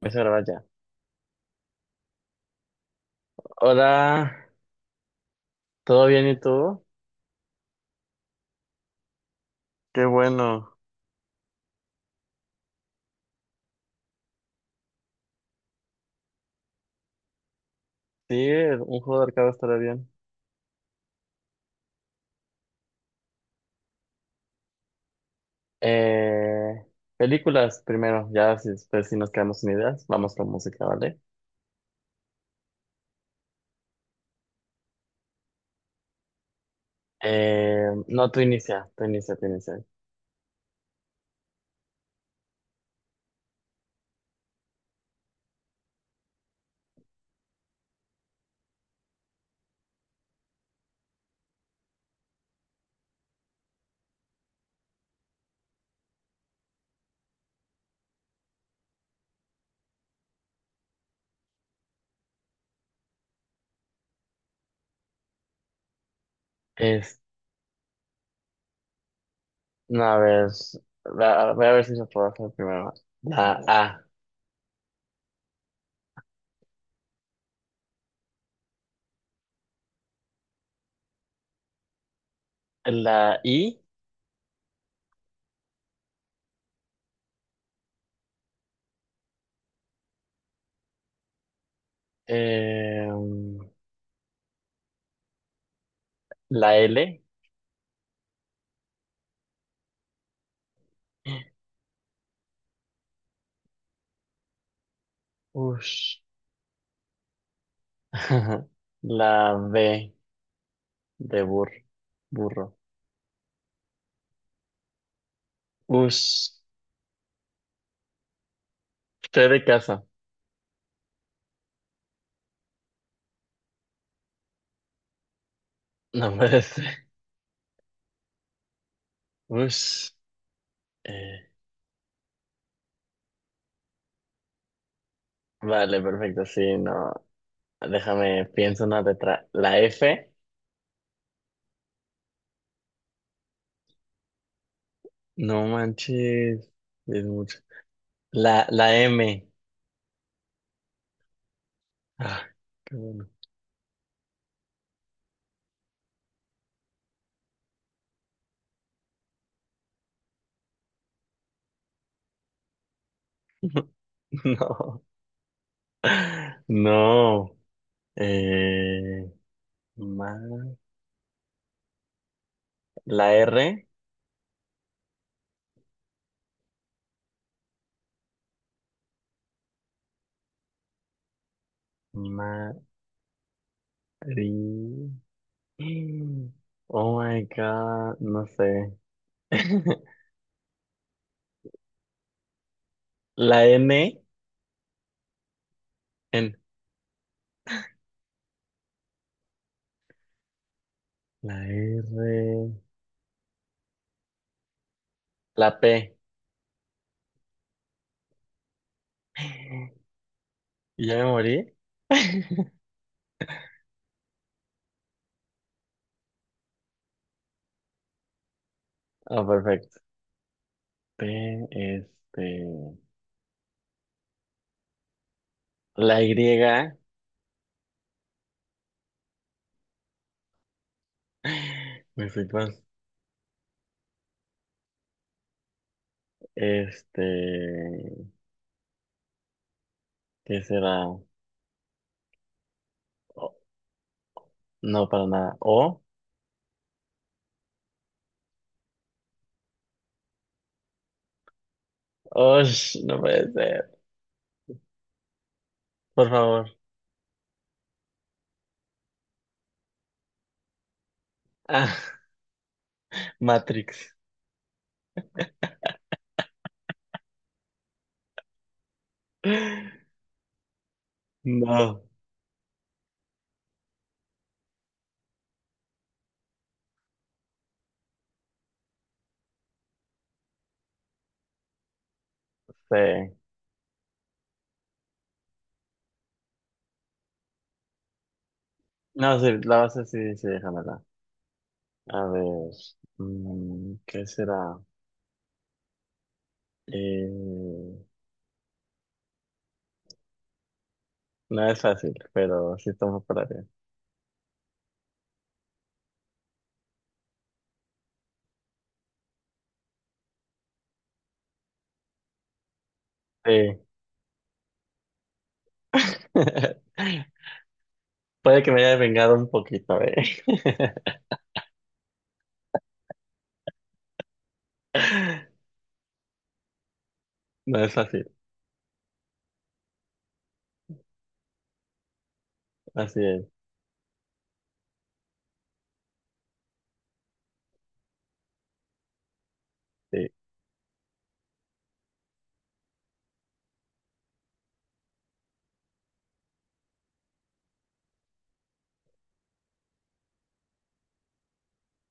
Empiezo a grabar ya. Hola, ¿todo bien y tú? Qué bueno. Sí, un juego de arcade estará bien. Eh, Películas primero, ya si después si nos quedamos sin ideas, vamos con música, ¿vale? No, tú inicia, tú inicia, tú inicia. Es, no, a ver, voy a ver si se puede hacer primero. La A, la I, eh, la L, ush, la B de burro, burro. Usted de casa. No puede ser. Us. eh, vale, perfecto. Sí, no. Déjame, pienso una letra. La F. No manches. Es mucho. La M. Ah, qué bueno. No. No. Eh, ma- la R. Mari. Oh my God. No sé. La N. N. La R, la P. ¿Y ya me morí? Ah, perfecto. P, este, la Y. Me fui con, este, ¿qué será? O- no, para nada. O. Oh, no puede ser. Por favor. Ah, Matrix. No sé. No, sí, la base sí, sí, déjamela. A ver, mm, ¿qué será? Eh, No es fácil, pero sí estamos para bien. Sí. Puede que me haya vengado un poquito, ¿eh? No es fácil, así es. Sí,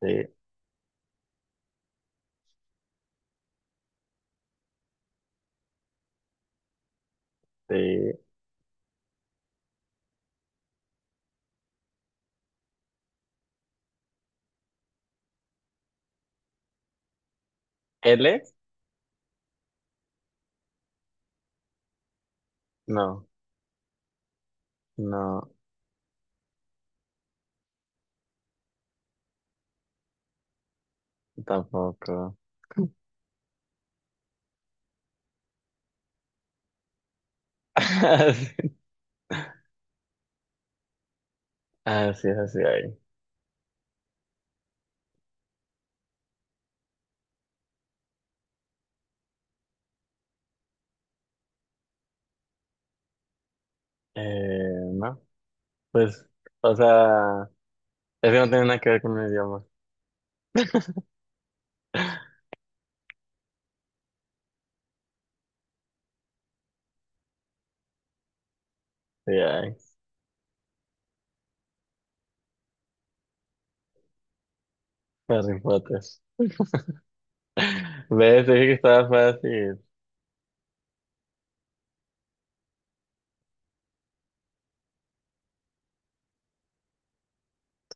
sí, sí. ¿L? No, no, tampoco. Así así es, así hay. No, pues, o sea, es que no tiene nada que ver con el idioma. Sí, ay, Harry Potter. ¿Ves? Te dije que estaba fácil.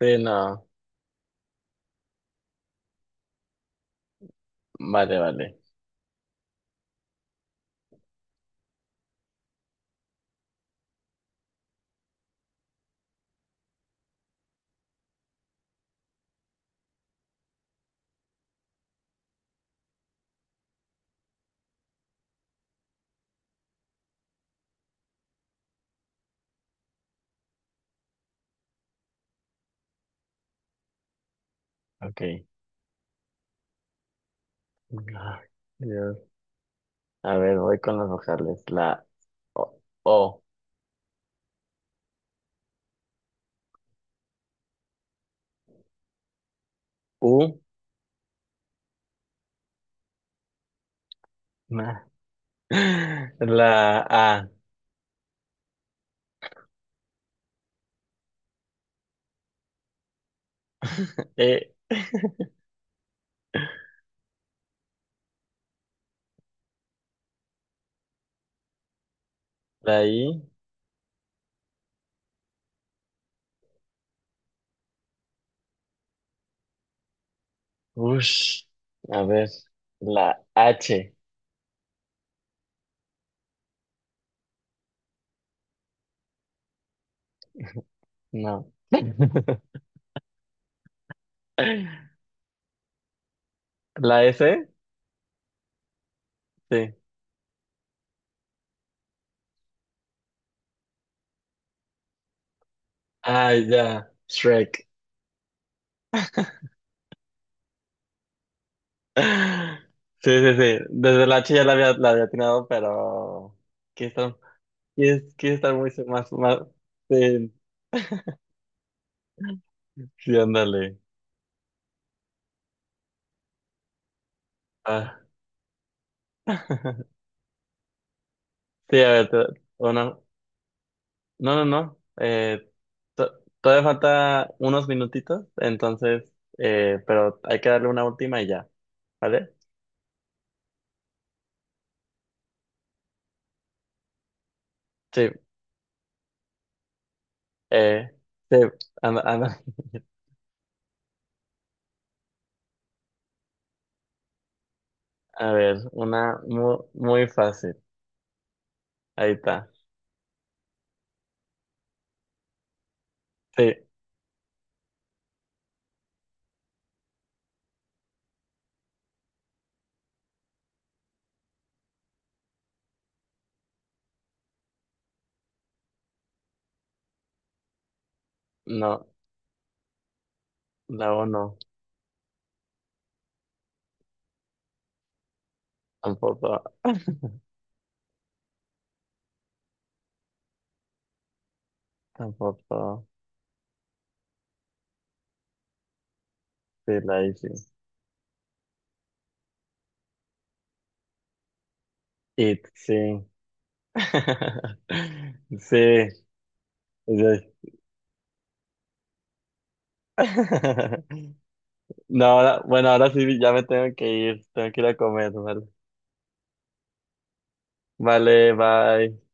Sí, no. Vale, vale. Ok. Ay, Dios. A ver, voy con las vocales. La O, U, na. La A, E, la I, ush. A ver, la H, no. La S, sí. Ay, ya, Shrek. Sí, sí, sí. Desde la H ya la había atinado, pero. Quiero estar, quiero, quiero estar muy más, más. Sí, sí, ándale. Ah, sí, a ver, una- no, no, no, to- todavía falta unos minutitos, entonces, pero hay que darle una última y ya, ¿vale? Sí, eh, sí, anda, anda. A ver, una muy, muy fácil, ahí está, sí, no, la O no, tampoco, tampoco, sí, la I sí, it, sí, sí, sí. No, ahora- bueno, ahora sí ya me tengo que ir a comer, ¿vale? Vale, bye.